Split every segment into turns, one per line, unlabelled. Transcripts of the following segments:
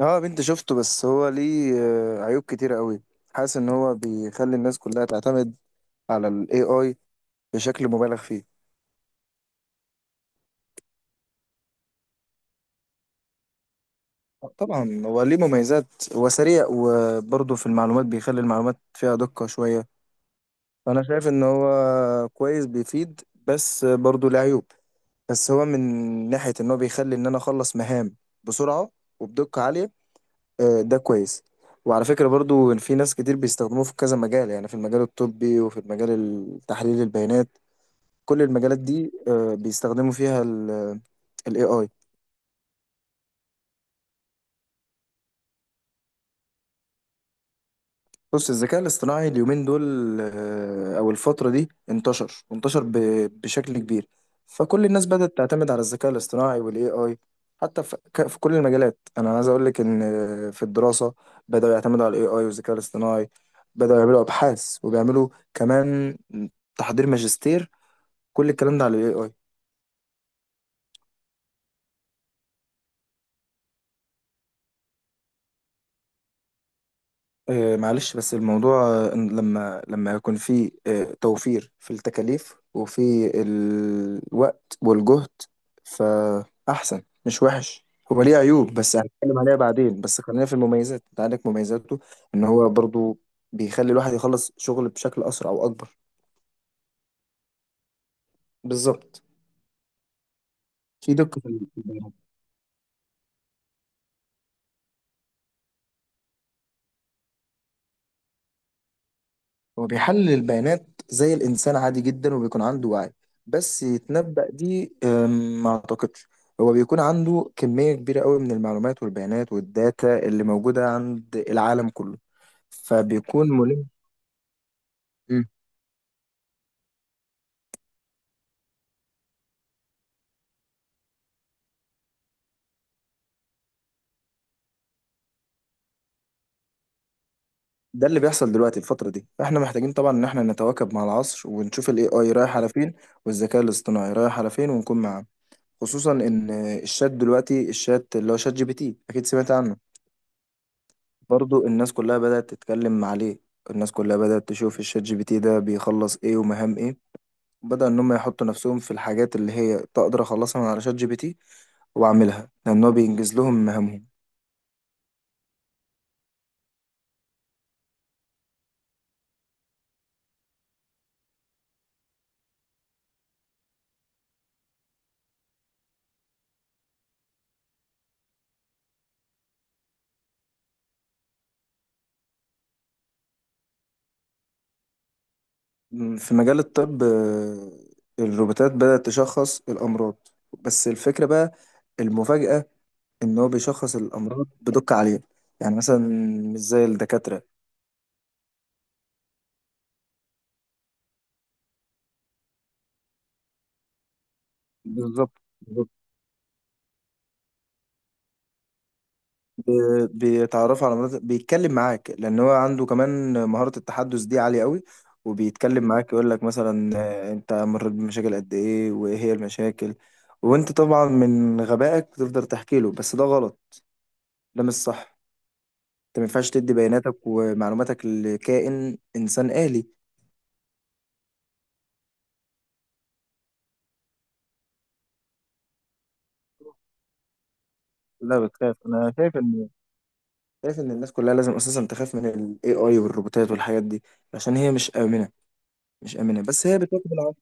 اه، بنت شفته بس هو ليه عيوب كتيرة قوي. حاسس ان هو بيخلي الناس كلها تعتمد على ال AI بشكل مبالغ فيه. طبعا هو ليه مميزات. هو سريع وبرضه في المعلومات بيخلي المعلومات فيها دقة شوية. فانا شايف ان هو كويس بيفيد بس برضه ليه عيوب. بس هو من ناحية ان هو بيخلي ان انا اخلص مهام بسرعة وبدقة عالية ده كويس. وعلى فكرة برضو إن في ناس كتير بيستخدموه في كذا مجال، يعني في المجال الطبي وفي المجال التحليل البيانات. كل المجالات دي بيستخدموا فيها ال AI. بص، الذكاء الاصطناعي اليومين دول أو الفترة دي انتشر بشكل كبير. فكل الناس بدأت تعتمد على الذكاء الاصطناعي وال AI. حتى في في كل المجالات، أنا عايز أقول لك إن في الدراسة بدأوا يعتمدوا على ال AI والذكاء الاصطناعي. بدأوا يعملوا أبحاث وبيعملوا كمان تحضير ماجستير. كل الكلام ده على ال AI. معلش بس الموضوع إن لما يكون في توفير في التكاليف وفي الوقت والجهد، فأحسن مش وحش. هو ليه عيوب بس هنتكلم عليها بعدين. بس خلينا في المميزات، انت عندك مميزاته. ان هو برضو بيخلي الواحد يخلص شغل بشكل أسرع وأكبر. بالظبط. في دقة في البيان. هو بيحلل البيانات زي الإنسان عادي جدا وبيكون عنده وعي. بس يتنبأ دي ما أعتقدش. هو بيكون عنده كمية كبيرة قوي من المعلومات والبيانات والداتا اللي موجودة عند العالم كله، فبيكون ملم. مم. ده اللي بيحصل دلوقتي الفترة دي، فاحنا محتاجين طبعا ان احنا نتواكب مع العصر ونشوف الاي اي رايح على فين والذكاء الاصطناعي رايح على فين ونكون معاه. خصوصا ان الشات دلوقتي، الشات اللي هو شات جي بي تي، اكيد سمعت عنه. برضو الناس كلها بدأت تتكلم عليه. الناس كلها بدأت تشوف الشات جي بي تي ده بيخلص ايه ومهام ايه، وبدأ ان هم يحطوا نفسهم في الحاجات اللي هي تقدر اخلصها من على شات جي بي تي واعملها لان هو بينجز لهم مهامهم. في مجال الطب، الروبوتات بدأت تشخص الامراض. بس الفكرة بقى، المفاجأة، ان هو بيشخص الامراض بدقة عالية. يعني مثلا مش زي الدكاترة. بالظبط. بيتعرفوا على مناطق، بيتكلم معاك لان هو عنده كمان مهارة التحدث دي عالية قوي. وبيتكلم معاك يقول لك مثلا انت مريت بمشاكل قد ايه وايه هي المشاكل. وانت طبعا من غبائك تقدر تحكي له، بس ده غلط. ده مش صح. انت ما ينفعش تدي بياناتك ومعلوماتك لكائن انسان آلي. لا بتخاف. انا شايف ان الناس كلها لازم اساسا تخاف من الاي اي والروبوتات والحاجات دي عشان هي مش آمنة. مش آمنة بس هي بتواكب.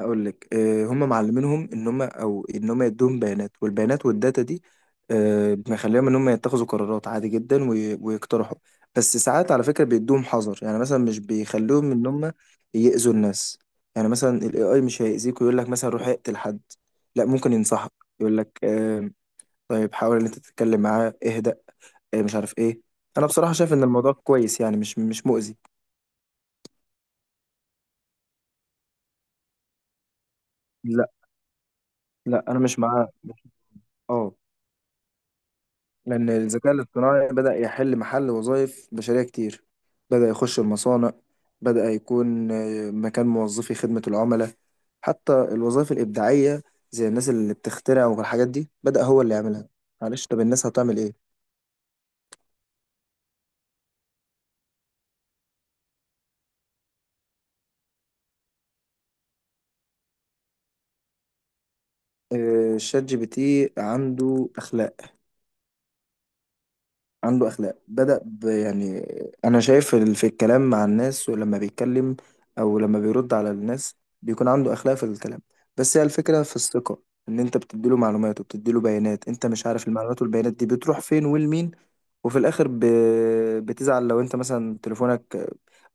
هقول لك، هم معلمينهم ان هم، او ان هم يدوهم بيانات، والبيانات والداتا دي مخليهم ان هم يتخذوا قرارات عادي جدا، ويقترحوا. بس ساعات على فكره بيدوهم حذر، يعني مثلا مش بيخلوهم ان هم يأذوا الناس. يعني مثلا الاي اي مش هيأذيك ويقول لك مثلا روح اقتل حد. لا، ممكن ينصحك يقول لك طيب حاول ان انت تتكلم معاه، اهدأ، مش عارف ايه. انا بصراحه شايف ان الموضوع كويس، يعني مش مؤذي. لا لا، انا مش معاه. اه. لأن الذكاء الاصطناعي بدأ يحل محل وظائف بشرية كتير. بدأ يخش المصانع. بدأ يكون مكان موظفي خدمة العملاء. حتى الوظائف الإبداعية زي الناس اللي بتخترع والحاجات دي بدأ هو اللي يعملها. معلش، طب الناس هتعمل إيه؟ شات جي بي تي عنده أخلاق. عنده اخلاق، بدأ يعني انا شايف في الكلام مع الناس، ولما بيتكلم او لما بيرد على الناس بيكون عنده اخلاق في الكلام. بس هي الفكرة في الثقة. ان انت بتديله معلومات وبتديله بيانات، انت مش عارف المعلومات والبيانات دي بتروح فين ولمين. وفي الاخر بتزعل لو انت مثلا تليفونك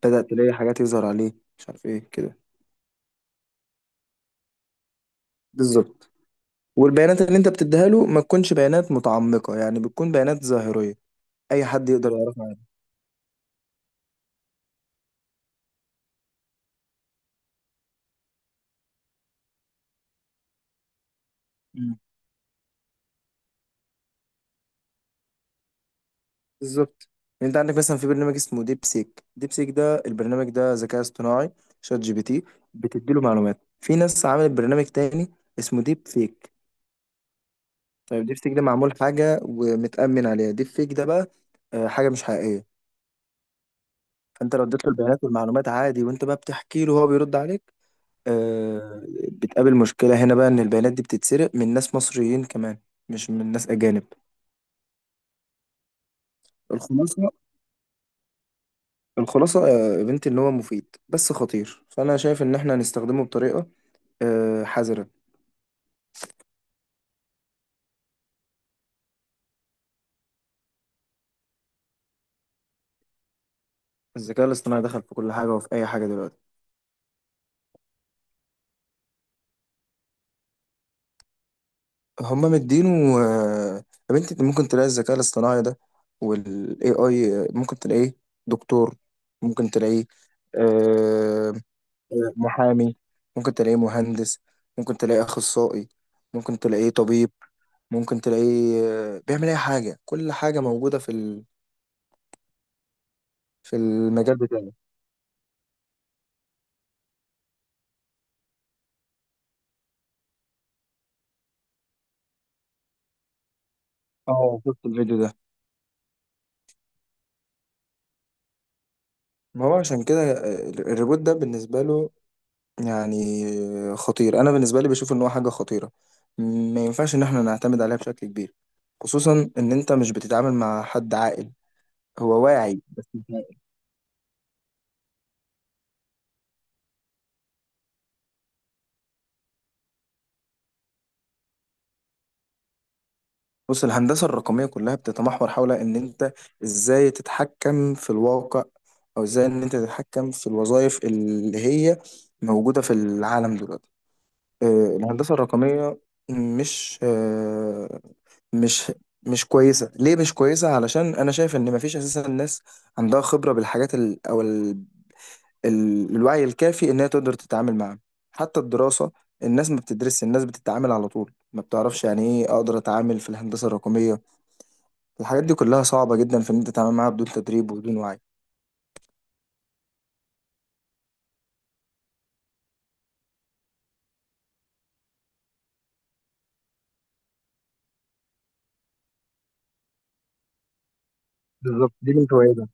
بدأ تلاقي حاجات يظهر عليه مش عارف ايه كده. بالظبط. والبيانات اللي انت بتديها له ما تكونش بيانات متعمقة، يعني بتكون بيانات ظاهرية اي حد يقدر يعرفها عنه. بالظبط. يعني انت عندك مثلا في برنامج اسمه ديب سيك. ديب سيك ده، البرنامج ده ذكاء اصطناعي، شات جي بي تي بتديله معلومات. في ناس عملت برنامج تاني اسمه ديب فيك. طيب ديب سيك ده معمول حاجة ومتأمن عليها، ديب فيك ده بقى حاجة مش حقيقية. فانت لو اديت له البيانات والمعلومات عادي، وانت بقى بتحكي له وهو بيرد عليك آه، بتقابل مشكلة هنا بقى ان البيانات دي بتتسرق من ناس مصريين كمان، مش من ناس أجانب. الخلاصة الخلاصة يا بنتي إن هو مفيد بس خطير، فأنا شايف إن إحنا هنستخدمه بطريقة حذرة. الذكاء الاصطناعي دخل في كل حاجة وفي أي حاجة دلوقتي. هما مدينه. آه، يا بنتي أنت ممكن تلاقي الذكاء الاصطناعي ده وال AI ممكن تلاقيه دكتور، ممكن تلاقيه آه، محامي، ممكن تلاقيه مهندس، ممكن تلاقيه أخصائي، ممكن تلاقيه طبيب، ممكن تلاقيه بيعمل أي حاجة. كل حاجة موجودة في في المجال بتاعه. اه شفت الفيديو ده. ما هو عشان كده الريبوت ده بالنسبة له يعني خطير. أنا بالنسبة لي بشوف إن هو حاجة خطيرة. ما ينفعش إن إحنا نعتمد عليها بشكل كبير، خصوصا إن أنت مش بتتعامل مع حد عاقل. هو واعي بس مش عاقل. بص، الهندسة الرقمية كلها بتتمحور حول إن أنت إزاي تتحكم في الواقع، أو إزاي إن أنت تتحكم في الوظائف اللي هي موجودة في العالم دلوقتي. الهندسة الرقمية مش آه، مش مش كويسة. ليه مش كويسة؟ علشان أنا شايف إن مفيش أساسا ناس عندها خبرة بالحاجات ال... أو ال... ال... الوعي الكافي إن هي تقدر تتعامل معاها. حتى الدراسة الناس ما بتدرسش، الناس بتتعامل على طول، ما بتعرفش يعني إيه أقدر أتعامل في الهندسة الرقمية. الحاجات دي كلها صعبة جدا في إن أنت تتعامل معاها بدون تدريب وبدون وعي. بالظبط. دي من فوائدها.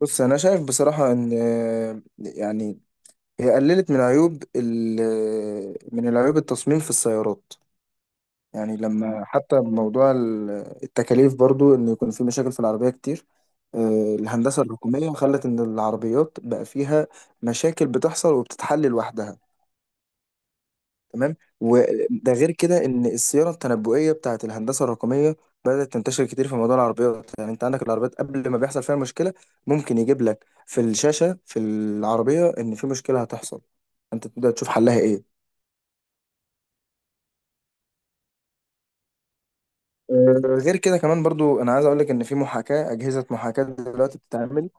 بص، أنا شايف بصراحة إن يعني هي قللت من عيوب من العيوب التصميم في السيارات. يعني لما حتى بموضوع التكاليف برضو ان يكون في مشاكل في العربية كتير. الهندسة الرقمية خلت ان العربيات بقى فيها مشاكل بتحصل وبتتحل لوحدها. تمام. وده غير كده ان الصيانة التنبؤية بتاعت الهندسة الرقمية بدأت تنتشر كتير في موضوع العربيات. يعني انت عندك العربيات قبل ما بيحصل فيها مشكلة ممكن يجيب لك في الشاشة في العربية ان في مشكلة هتحصل، انت تبدأ تشوف حلها ايه. غير كده كمان برضو انا عايز اقول لك ان في محاكاه اجهزه محاكاه دلوقتي بتتعمل.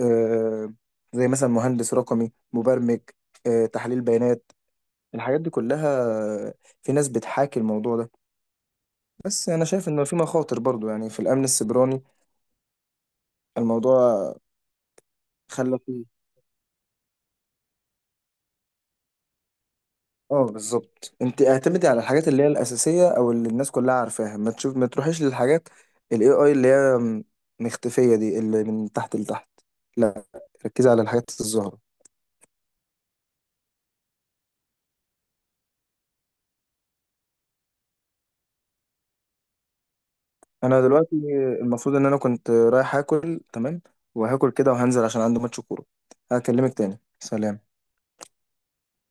آه، زي مثلا مهندس رقمي مبرمج، تحليل بيانات، الحاجات دي كلها. آه، في ناس بتحاكي الموضوع ده. بس انا شايف انه في مخاطر برضو، يعني في الامن السيبراني الموضوع خلى فيه. اه، بالظبط. انت اعتمدي على الحاجات اللي هي الاساسيه او اللي الناس كلها عارفاها. ما تشوف، ما تروحيش للحاجات الاي اي اللي هي مختفيه دي اللي من تحت لتحت. لا، ركزي على الحاجات الظاهره. انا دلوقتي المفروض ان انا كنت رايح اكل، تمام، وهاكل كده وهنزل عشان عندي ماتش كوره. هكلمك تاني، سلام.